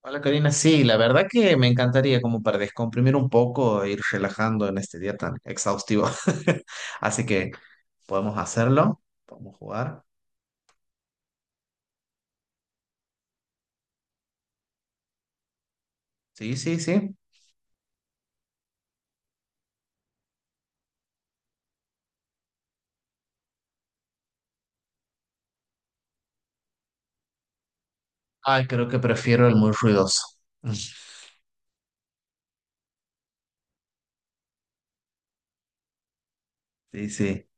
Hola Karina, sí, la verdad que me encantaría como para descomprimir un poco e ir relajando en este día tan exhaustivo. Así que podemos hacerlo, podemos jugar. Sí, sí, sí. Ay, creo que prefiero el muy ruidoso. Sí, sí,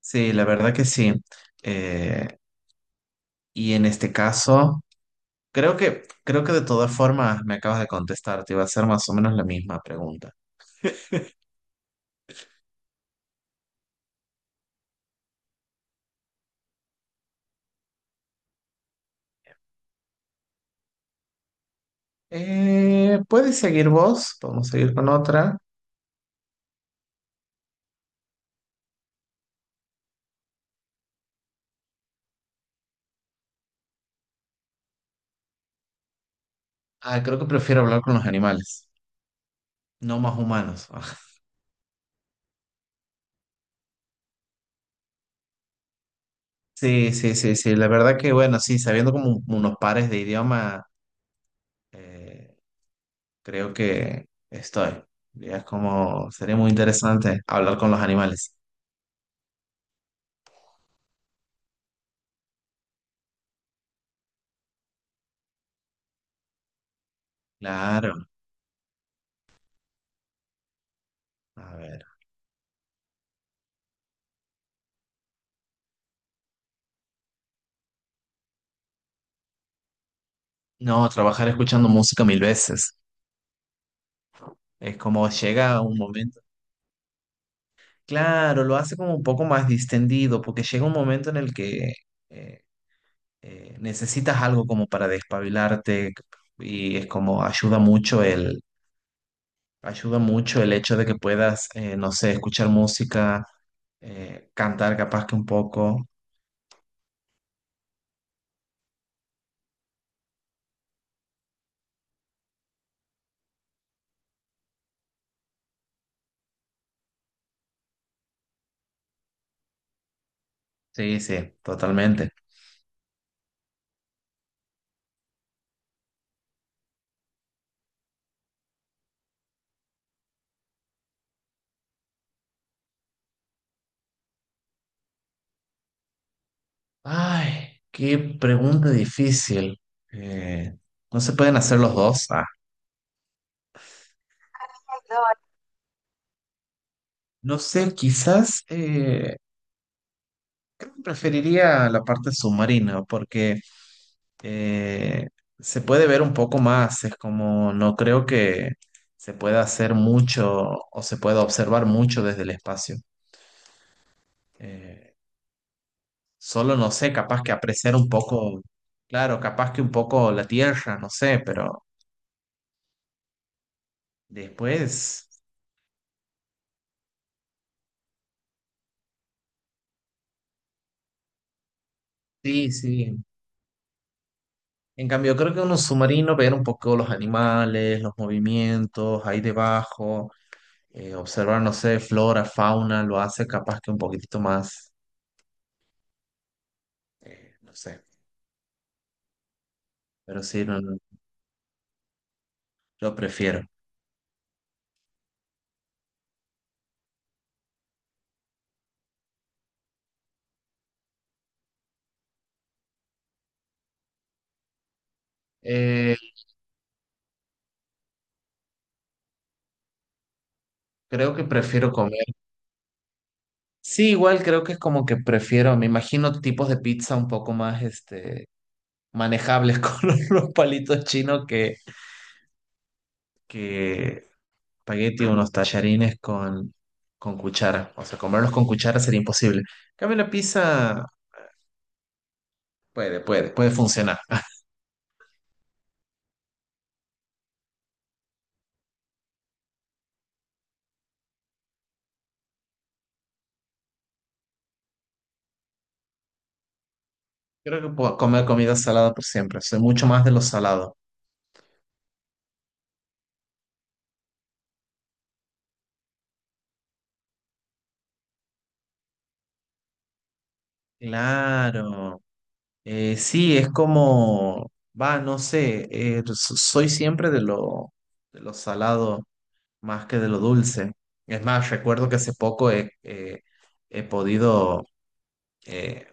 sí, la verdad que sí. Eh, y en este caso, creo que de todas formas me acabas de contestar, te iba a hacer más o menos la misma pregunta. ¿Puedes seguir vos? Podemos seguir con otra. Ah, creo que prefiero hablar con los animales. No más humanos. Sí, sí, sí, sí. La verdad que, bueno, sí, sabiendo como unos pares de idioma, eh, creo que estoy. Ya. Es como, sería muy interesante hablar con los animales. Claro. A ver. No, trabajar escuchando música mil veces. Es como llega un momento. Claro, lo hace como un poco más distendido, porque llega un momento en el que eh, necesitas algo como para despabilarte y es como ayuda mucho. Ayuda mucho el hecho de que puedas, no sé, escuchar música, cantar capaz que un poco. Sí, sí, totalmente. Ay, qué pregunta difícil. Eh, ¿No se pueden hacer los dos? Ah, no sé, quizás creo que preferiría la parte submarina porque eh, se puede ver un poco más. Es como, no creo que se pueda hacer mucho o se pueda observar mucho desde el espacio. Eh, Solo no sé, capaz que apreciar un poco, claro, capaz que un poco la tierra, no sé, pero después, sí, sí. En cambio, creo que uno submarino, ver un poco los animales, los movimientos ahí debajo, observar, no sé, flora, fauna, lo hace capaz que un poquitito más, no sé, pero sí, no, no, yo prefiero. Eh, Creo que prefiero comer. Sí, igual creo que es como que prefiero, me imagino tipos de pizza un poco más, este, manejables con unos palitos chinos que espagueti o unos tallarines con cuchara. O sea, comerlos con cuchara sería imposible. En cambio, la pizza puede puede funcionar. Creo que puedo comer comida salada por siempre. Soy mucho más de lo salado. Claro. Sí, es como, va, no sé, soy siempre de lo salado más que de lo dulce. Es más, recuerdo que hace poco he podido eh,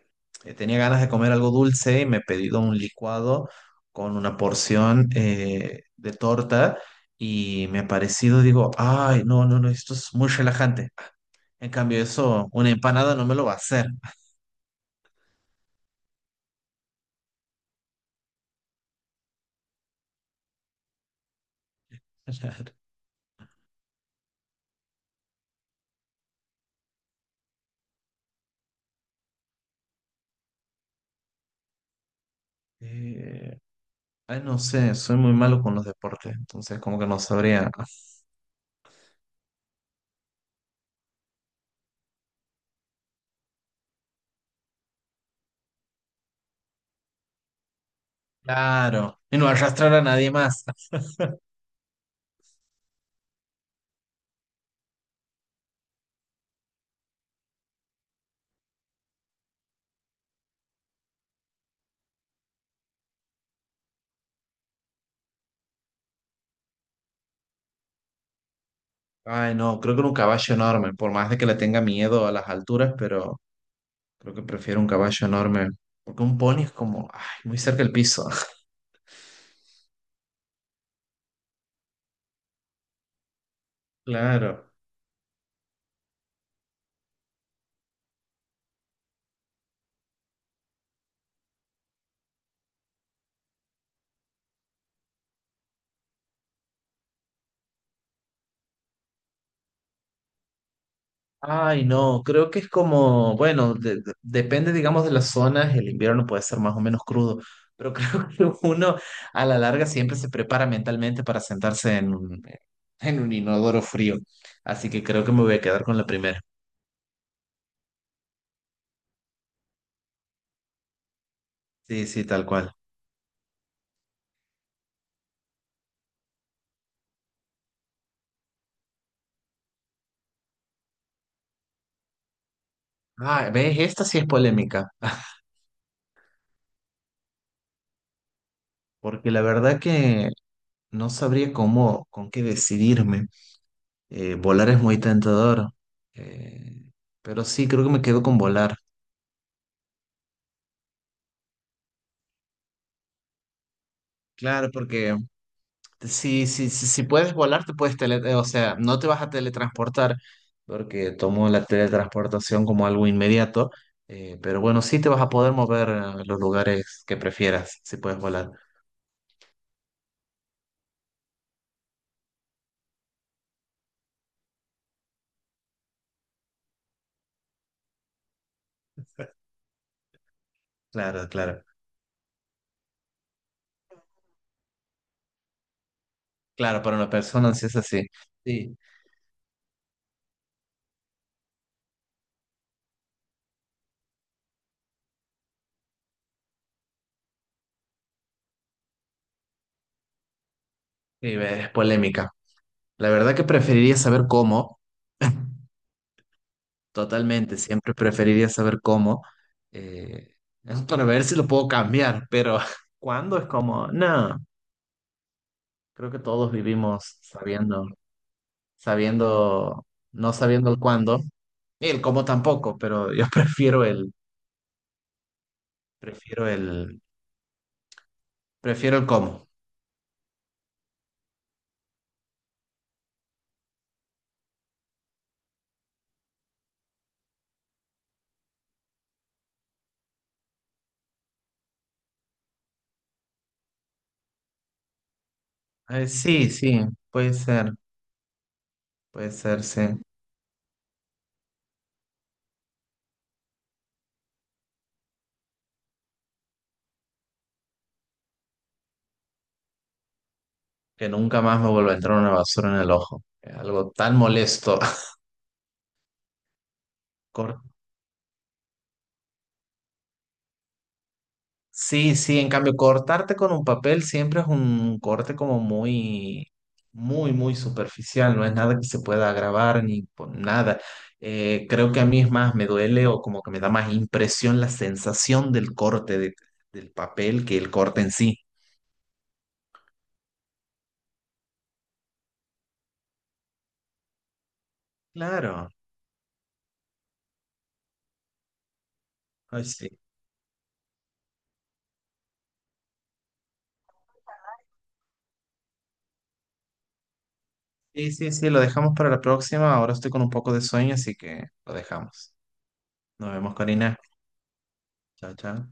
tenía ganas de comer algo dulce y me he pedido un licuado con una porción de torta y me ha parecido, digo, ay, no, no, no, esto es muy relajante. En cambio, eso, una empanada no me lo va a hacer. Eh, ay, no sé, soy muy malo con los deportes, entonces como que no sabría. Claro, y no arrastrar a nadie más. Ay, no, creo que era un caballo enorme, por más de que le tenga miedo a las alturas, pero... Creo que prefiero un caballo enorme, porque un pony es como, ay, muy cerca del piso. Claro. Ay, no, creo que es como, bueno, depende, digamos, de las zonas, el invierno puede ser más o menos crudo, pero creo que uno a la larga siempre se prepara mentalmente para sentarse en un inodoro frío. Así que creo que me voy a quedar con la primera. Sí, sí, tal cual. Ah, ¿ves? Esta sí es polémica. Porque la verdad que no sabría cómo, con qué decidirme. Volar es muy tentador, eh, pero sí, creo que me quedo con volar. Claro, porque si puedes volar, te puedes tele, o sea, no te vas a teletransportar, porque tomo la teletransportación como algo inmediato, pero bueno, sí te vas a poder mover a los lugares que prefieras, si puedes volar. Claro, claro. Claro, para una persona sí es así. Sí, sí, es polémica. La verdad que preferiría saber cómo. Totalmente, siempre preferiría saber cómo, eh, es para ver si lo puedo cambiar, pero cuándo es como, no, creo que todos vivimos sabiendo, no sabiendo el cuándo, y el cómo tampoco, pero yo prefiero el, prefiero el cómo. Sí, sí, puede ser, puede ser, sí, que nunca más me vuelva a entrar una basura en el ojo. Es algo tan molesto. Sí, sí, en cambio, cortarte con un papel siempre es un corte como muy superficial, no es nada que se pueda grabar ni nada. Creo que a mí es más, me duele o como que me da más impresión la sensación del corte del papel que el corte en sí. Claro, ay, sí. Sí, sí, sí, lo dejamos para la próxima. Ahora estoy con un poco de sueño, así que lo dejamos. Nos vemos, Corina. Chao, chao.